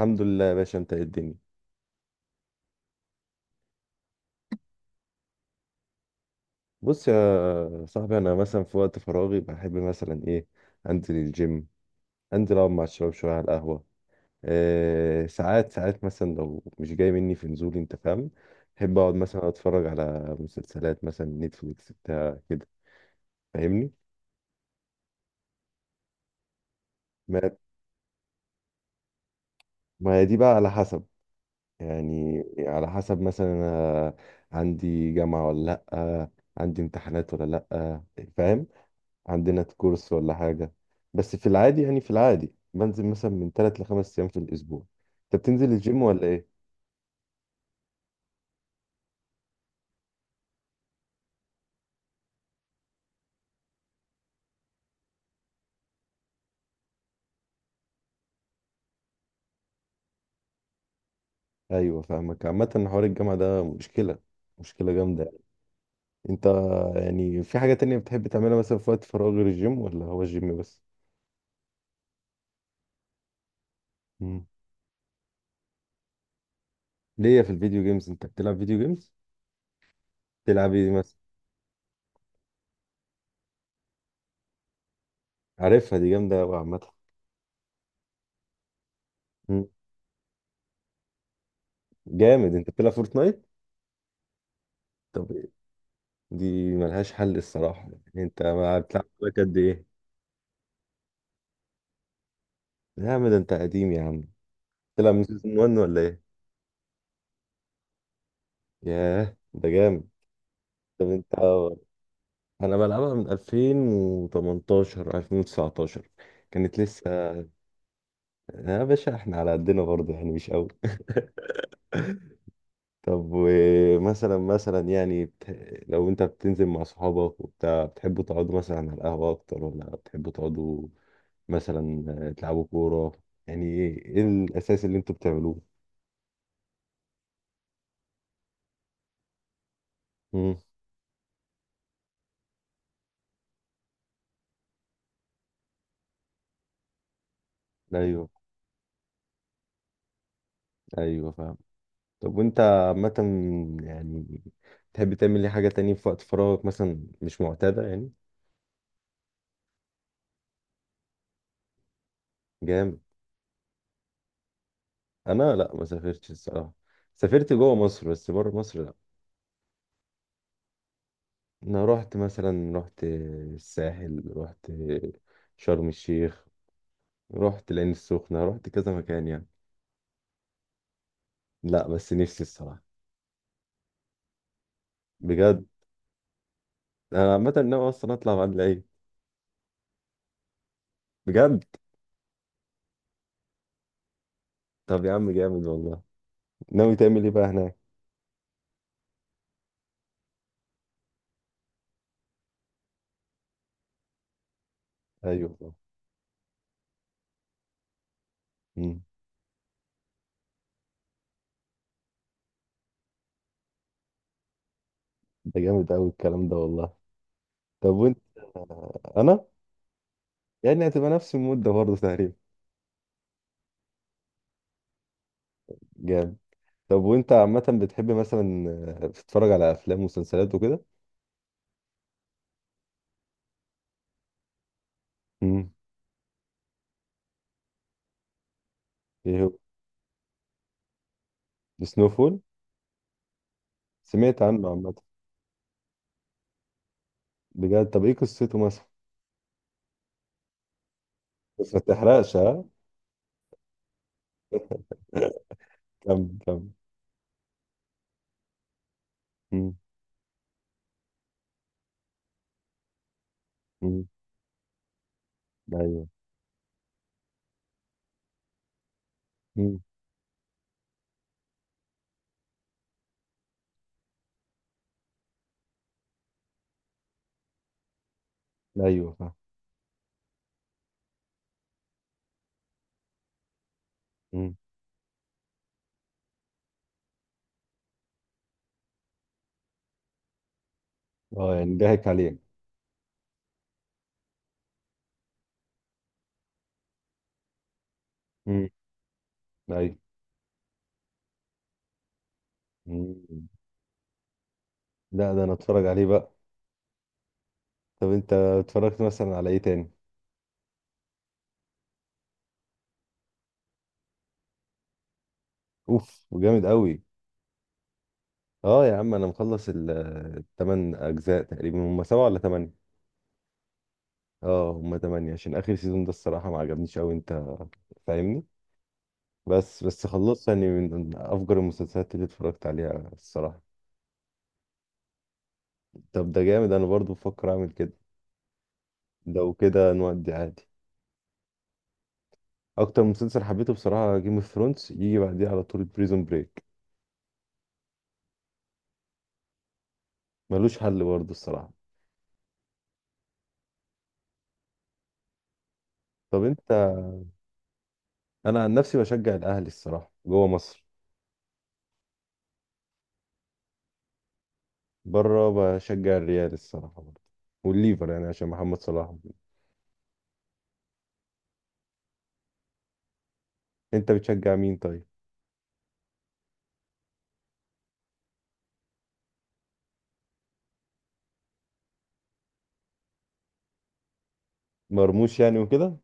الحمد لله يا باشا، انت ايه الدنيا؟ بص يا صاحبي، انا مثلا في وقت فراغي بحب مثلا ايه، انزل الجيم، انزل اقعد مع الشباب شويه على القهوه. إيه، ساعات ساعات مثلا لو مش جاي مني في نزول، انت فاهم؟ بحب اقعد مثلا اتفرج على مسلسلات مثلا نتفليكس بتاع كده. فاهمني؟ ما ما هي دي بقى على حسب، يعني على حسب مثلا انا عندي جامعه ولا لا، عندي امتحانات ولا لا، فاهم؟ عندنا كورس ولا حاجة. بس في العادي، يعني في العادي بنزل مثلا من ثلاث لخمس أيام في الأسبوع. أنت بتنزل الجيم ولا إيه؟ أيوه فاهمك. عامة حوار الجامعة ده مشكلة، مشكلة جامدة يعني. أنت يعني في حاجة تانية بتحب تعملها مثلا في وقت فراغ غير الجيم، ولا هو الجيم بس؟ مم. ليا في الفيديو جيمز؟ أنت بتلعب فيديو جيمز؟ بتلعب إيه مثلا؟ عارفها، دي جامدة أوي عامة. مم. جامد، أنت بتلعب فورتنايت؟ طب إيه؟ دي ملهاش حل الصراحة. يعني أنت بتلعب لك قد إيه؟ يا عم ده أنت قديم يا عم. تلعب من سيزون 1 ولا ايه؟ ياه، ده جامد. طب انت، انا بلعبها من 2018 2019، كانت لسه. يا باشا، احنا على قدنا برضه يعني، مش قوي. طب ومثلا، مثلا يعني لو انت بتنزل مع صحابك وبتاع، بتحبوا تقعدوا مثلا على القهوة اكتر، ولا بتحبوا تقعدوا مثلا تلعبوا كورة؟ يعني ايه الاساس اللي انتوا بتعملوه؟ مم. ايوه. ايوه فاهم. طب وانت عامة يعني، تحب تعمل ايه، حاجة تانية في وقت فراغك مثلا مش معتادة يعني؟ جامد. انا لا، ما سافرتش الصراحة. سافرت جوه مصر، بس بره مصر لا. انا رحت مثلا، رحت الساحل، رحت شرم الشيخ، رحت العين السخنة، رحت كذا مكان يعني. لا بس نفسي الصراحة. بجد. انا عامة ناوي اصلا اطلع بعد العيد. بجد. طب يا عم جامد والله، ناوي تعمل ايه بقى هناك؟ ايوه. مم. ده جامد قوي الكلام ده والله. طب وانت، انا يعني هتبقى نفس المده برضه تقريبا. جامد. طب وانت عامه بتحب مثلا، تتفرج على افلام ومسلسلات وكده؟ امم. ايه هو؟ سنو فول. سمعت عنه عامه. بجد، طب ايه قصته مثلا؟ بس ما تحرقش ها. كم كم. امم. امم. ايوه. امم. ايوه فاهم. امم. اه يعني ضحك عليك. امم. ايوه. امم. لا ده انا اتفرج عليه بقى. طب انت اتفرجت مثلا على ايه تاني؟ اوف، وجامد قوي. اه يا عم، انا مخلص الثمان اجزاء. تقريبا هم سبعة ولا ثمانية؟ اه هم ثمانية. عشان اخر سيزون ده الصراحة ما عجبنيش قوي، انت فاهمني؟ بس خلصت يعني، من افجر المسلسلات اللي اتفرجت عليها الصراحة. طب ده جامد، انا برضو بفكر اعمل كده. لو كده نودي عادي. اكتر مسلسل حبيته بصراحة جيم اوف ثرونز، يجي بعديه على طول بريزون بريك. ملوش حل برضو الصراحة. طب انت، انا عن نفسي بشجع الاهلي الصراحة جوه مصر. بره، بشجع الريال الصراحة برضه، والليفر يعني عشان محمد صلاح وكده. انت بتشجع مين طيب؟ مرموش يعني وكده.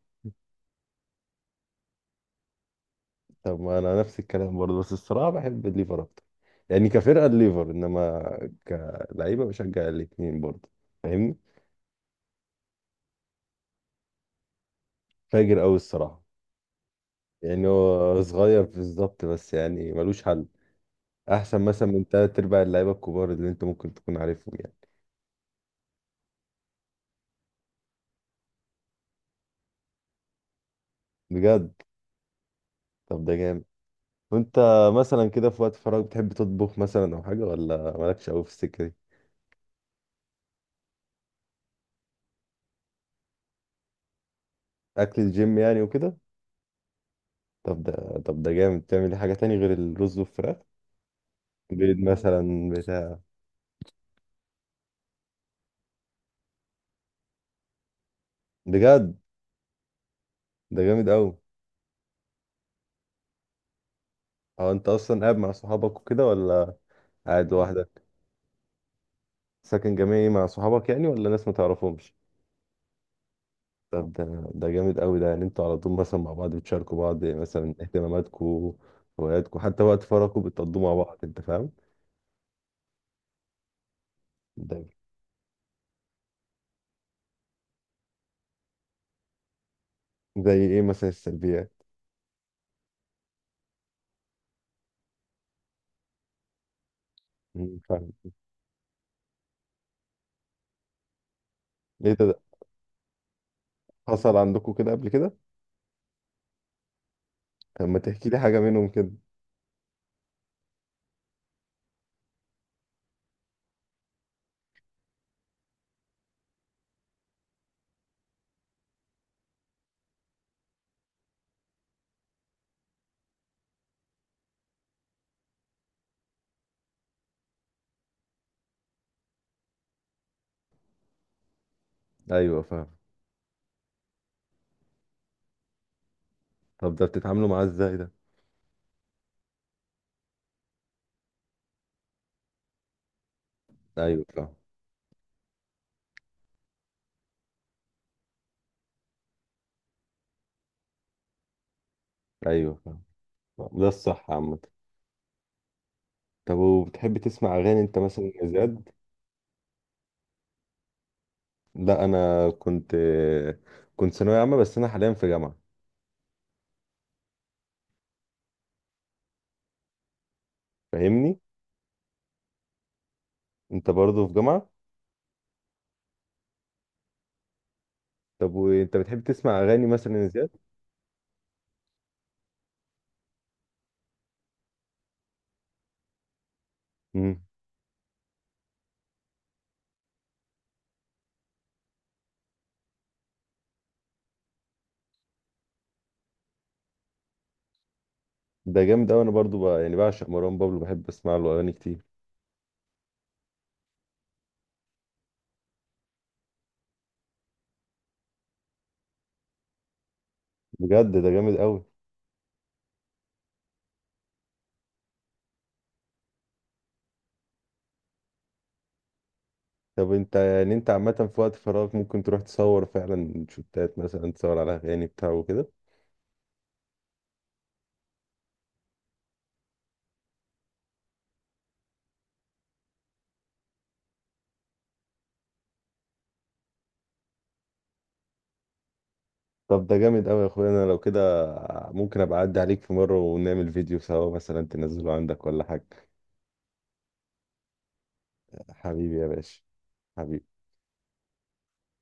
طب ما انا نفس الكلام برضه، بس الصراحة بحب الليفر اكتر، يعني كفرقة الليفر. انما كلعيبة بشجع الاتنين برضه، فاهمني؟ فاجر قوي الصراحة. يعني هو صغير بالظبط، بس يعني ملوش حل. احسن مثلا من تلات ارباع اللعيبة الكبار اللي انت ممكن تكون عارفهم يعني. بجد. طب ده جامد. وانت مثلا كده في وقت فراغ بتحب تطبخ مثلا او حاجة، ولا مالكش قوي في السكة دي؟ اكل الجيم يعني وكده. طب ده، جامد تعمل إيه حاجه تاني غير الرز والفراخ؟ بيض مثلا بتاع. بجد، ده جامد قوي. هو انت اصلا قاعد مع صحابك وكده، ولا قاعد لوحدك؟ ساكن جامعي مع صحابك يعني، ولا ناس ما تعرفهمش؟ طب ده، جامد قوي ده. يعني انتوا على طول مثلا مع بعض، بتشاركوا بعض مثلا اهتماماتكم، هواياتكم، حتى وقت فراغكم بتقضوه مع بعض، انت فاهم؟ ده زي ايه مثلا السلبيات؟ مم، فاهم. ايه ده؟ حصل عندكم كده قبل كده؟ طب ما تحكي لي حاجه منهم كده. ايوه فاهم. طب ده بتتعاملوا معاه ازاي ده؟ ايوه فاهم. ايوه فاهم. ده الصح عامة. طب وبتحب تسمع اغاني انت مثلا يا زياد؟ لا انا كنت ثانوية عامة، بس انا حاليا في جامعة، فاهمني؟ انت برضه في جامعة. طب وانت بتحب تسمع اغاني مثلا يا زياد؟ امم. ده جامد قوي. انا برضه بقى يعني بعشق مروان بابلو، بحب اسمع له اغاني كتير. بجد ده جامد قوي. طب انت يعني، انت عامة في وقت فراغك ممكن تروح تصور فعلا شوتات مثلا، تصور على اغاني بتاع وكده؟ طب ده جامد قوي يا اخويا. انا لو كده ممكن ابقى اعدي عليك في مره ونعمل فيديو سوا مثلا، تنزله عندك ولا حاجه. حبيبي يا باشا. حبيبي.